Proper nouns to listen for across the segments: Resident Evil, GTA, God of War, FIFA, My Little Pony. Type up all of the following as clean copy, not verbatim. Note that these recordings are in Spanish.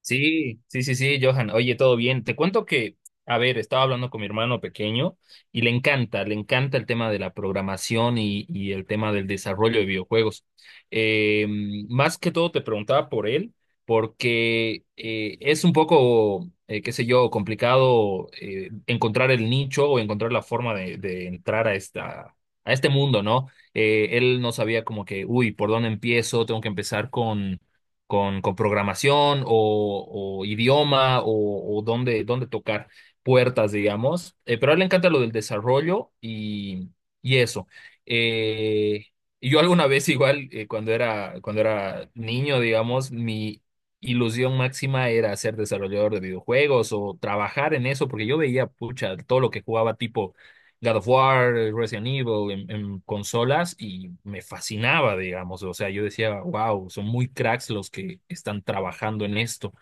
Sí, sí, sí, sí, Johan. Oye, todo bien. Te cuento que, a ver, estaba hablando con mi hermano pequeño y le encanta el tema de la programación y el tema del desarrollo de videojuegos. Eh, Más que todo te preguntaba por él, porque es un poco, qué sé yo, complicado, encontrar el nicho o encontrar la forma de entrar a a este mundo, ¿no? Él no sabía como que, uy, ¿por dónde empiezo? Tengo que empezar con programación o idioma o dónde tocar puertas, digamos. Pero a él le encanta lo del desarrollo y eso. Eh, y yo alguna vez igual, cuando era niño, digamos, mi ilusión máxima era ser desarrollador de videojuegos o trabajar en eso, porque yo veía, pucha, todo lo que jugaba tipo God of War, Resident Evil en consolas y me fascinaba, digamos. O sea, yo decía, wow, son muy cracks los que están trabajando en esto.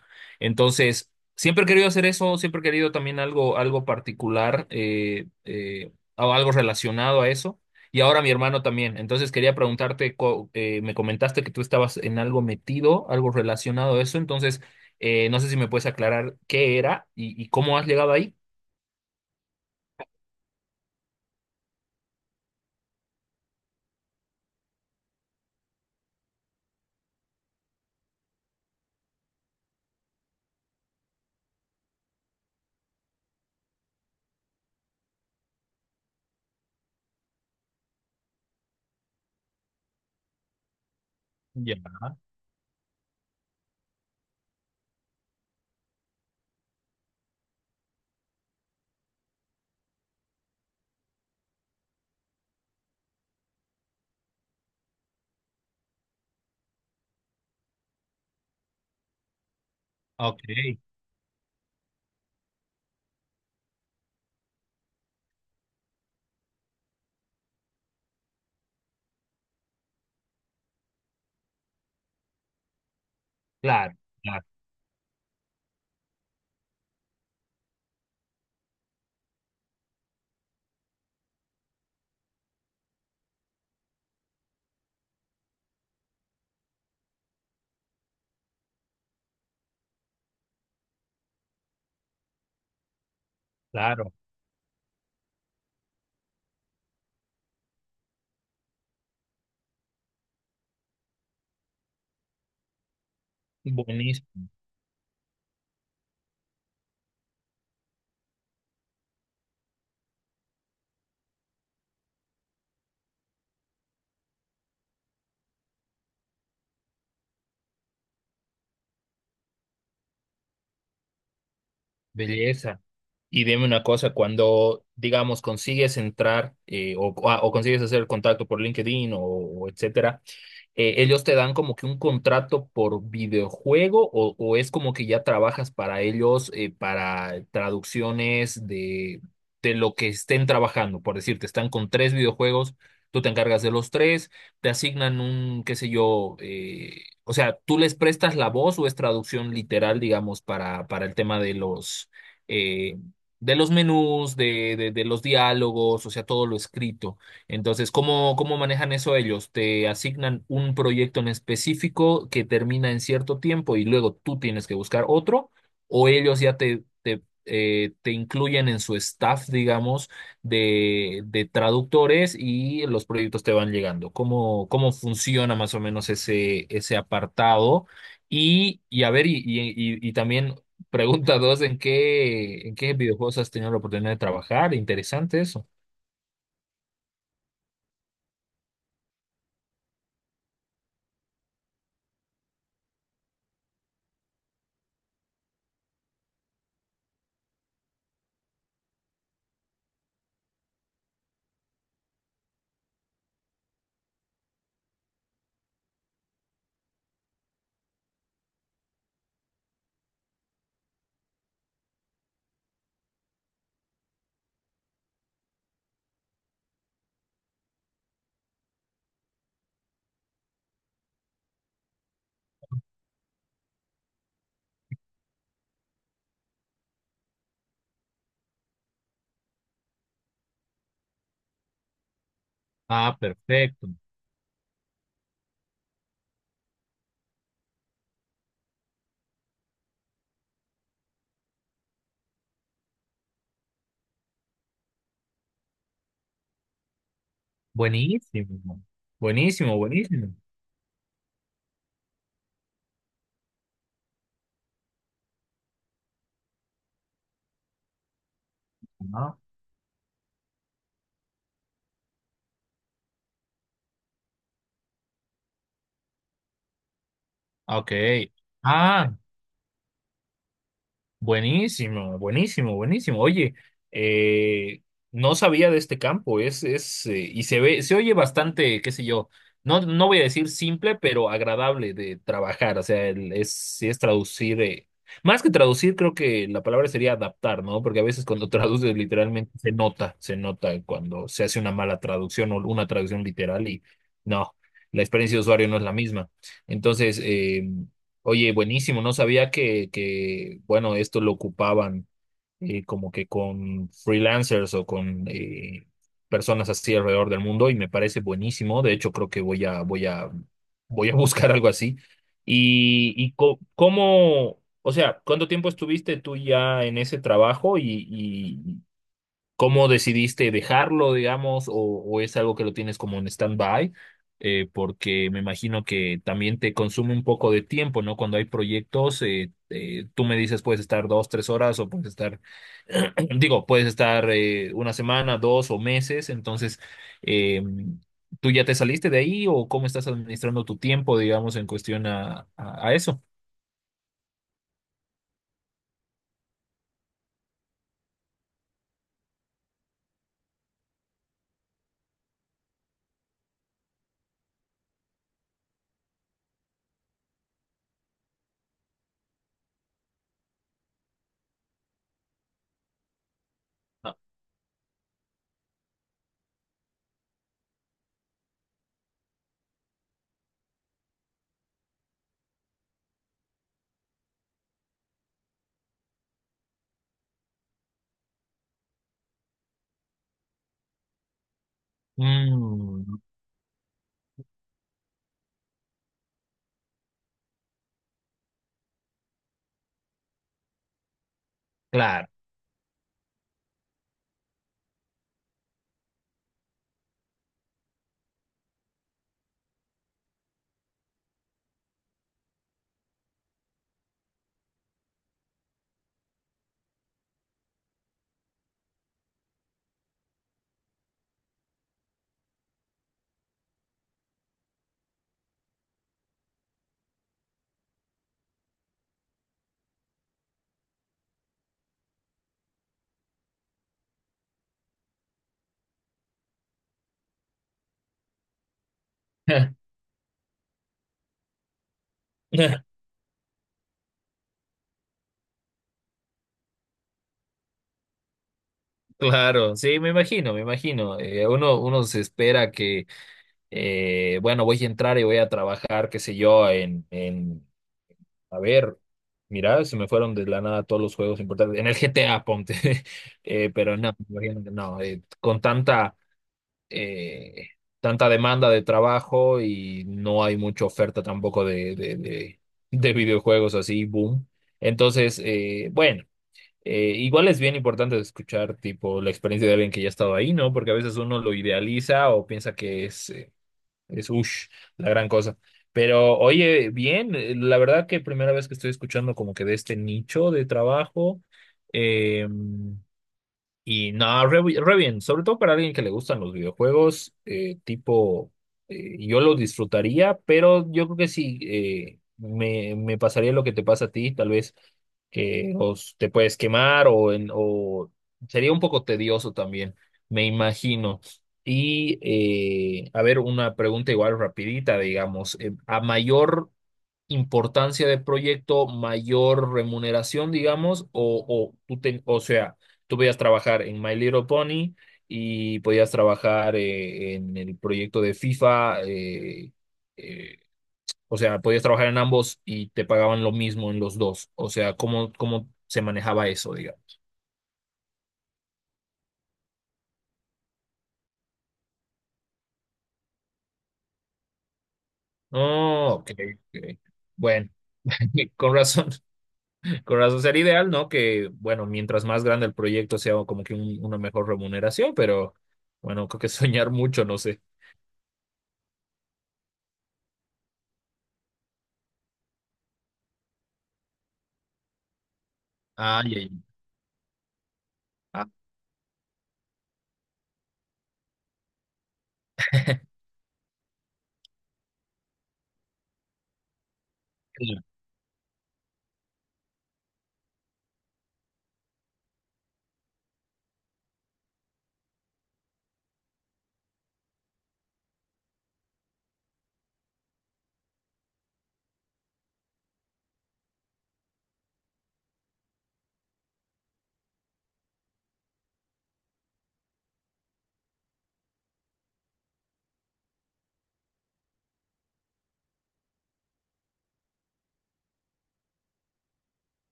Entonces, siempre he querido hacer eso, siempre he querido también algo, algo particular, o algo relacionado a eso. Y ahora mi hermano también. Entonces quería preguntarte, me comentaste que tú estabas en algo metido, algo relacionado a eso. Entonces, no sé si me puedes aclarar qué era y cómo has llegado ahí. Ya, ok. Claro. Claro. Claro, buenísimo, belleza. Y dime una cosa, cuando, digamos, consigues entrar, o consigues hacer contacto por LinkedIn o etcétera, ellos te dan como que un contrato por videojuego, o es como que ya trabajas para ellos, para traducciones de lo que estén trabajando. Por decirte, están con tres videojuegos, tú te encargas de los tres, te asignan un, qué sé yo, o sea, tú les prestas la voz o es traducción literal, digamos, para el tema eh, de los menús, de los diálogos, o sea, todo lo escrito. Entonces, ¿cómo, cómo manejan eso ellos? Te asignan un proyecto en específico que termina en cierto tiempo y luego tú tienes que buscar otro, o ellos ya te incluyen en su staff, digamos, de traductores y los proyectos te van llegando. ¿Cómo, cómo funciona más o menos ese, ese apartado? Y a ver, y también pregunta dos, en qué videojuegos has tenido la oportunidad de trabajar? Interesante eso. Ah, perfecto. Buenísimo, buenísimo, buenísimo. Ah, ok. Ah, buenísimo, buenísimo, buenísimo. Oye, eh, no sabía de este campo, y se ve, se oye bastante, qué sé yo, no, no voy a decir simple, pero agradable de trabajar. O sea, sí es traducir, más que traducir, creo que la palabra sería adaptar, ¿no? Porque a veces cuando traduces literalmente se nota cuando se hace una mala traducción o una traducción literal y no, la experiencia de usuario no es la misma. Entonces, oye, buenísimo, no sabía que bueno, esto lo ocupaban, como que con freelancers o con personas así alrededor del mundo y me parece buenísimo. De hecho, creo que voy a buscar algo así. Cómo, o sea, ¿cuánto tiempo estuviste tú ya en ese trabajo y cómo decidiste dejarlo, digamos, o es algo que lo tienes como en stand-by? Porque me imagino que también te consume un poco de tiempo, ¿no? Cuando hay proyectos, tú me dices puedes estar dos, tres horas o puedes estar, digo, puedes estar, una semana, dos o meses. Entonces, eh, ¿tú ya te saliste de ahí o cómo estás administrando tu tiempo, digamos, en cuestión a eso? Ah, mm, claro. Claro, sí, me imagino, me imagino. Uno se espera que, bueno, voy a entrar y voy a trabajar, qué sé yo, a ver, mira, se me fueron de la nada todos los juegos importantes, en el GTA, ponte. Pero no, me imagino que no, con tanta, eh, tanta demanda de trabajo y no hay mucha oferta tampoco de videojuegos así, boom. Entonces, bueno. Igual es bien importante escuchar, tipo, la experiencia de alguien que ya ha estado ahí, ¿no? Porque a veces uno lo idealiza o piensa que es ush, la gran cosa. Pero, oye, bien, la verdad que primera vez que estoy escuchando como que de este nicho de trabajo. em, y nada, re bien, sobre todo para alguien que le gustan los videojuegos, tipo, yo lo disfrutaría, pero yo creo que sí, me pasaría lo que te pasa a ti, tal vez que te puedes quemar o sería un poco tedioso también, me imagino. Y a ver, una pregunta igual rapidita, digamos, a mayor importancia de proyecto, mayor remuneración, digamos, o sea, tú podías trabajar en My Little Pony y podías trabajar, en el proyecto de FIFA, eh, o sea, podías trabajar en ambos y te pagaban lo mismo en los dos. O sea, ¿cómo, cómo se manejaba eso, digamos? Oh, ok, ok. Bueno, con razón. Con razón sería ideal, ¿no? Que, bueno, mientras más grande el proyecto sea, como que una mejor remuneración, pero bueno, creo que soñar mucho, no sé. Ay, ay, ah.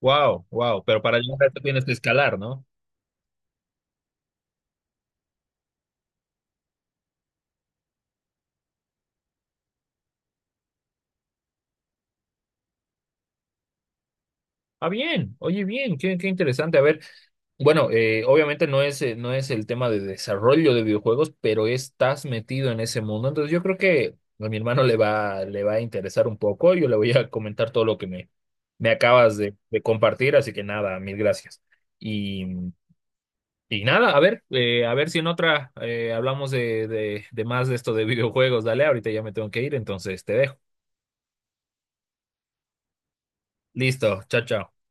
Wow, wow, pero para llegar a esto tienes que escalar, ¿no? Ah, bien, oye, bien, qué, qué interesante. A ver, bueno, obviamente no es, no es el tema de desarrollo de videojuegos, pero estás metido en ese mundo. Entonces yo creo que a mi hermano le va a interesar un poco. Yo le voy a comentar todo lo que me acabas de compartir. Así que nada, mil gracias. Y, y nada, a ver si en otra, hablamos de más de esto de videojuegos. Dale, ahorita ya me tengo que ir, entonces te dejo. Listo, chao, chao.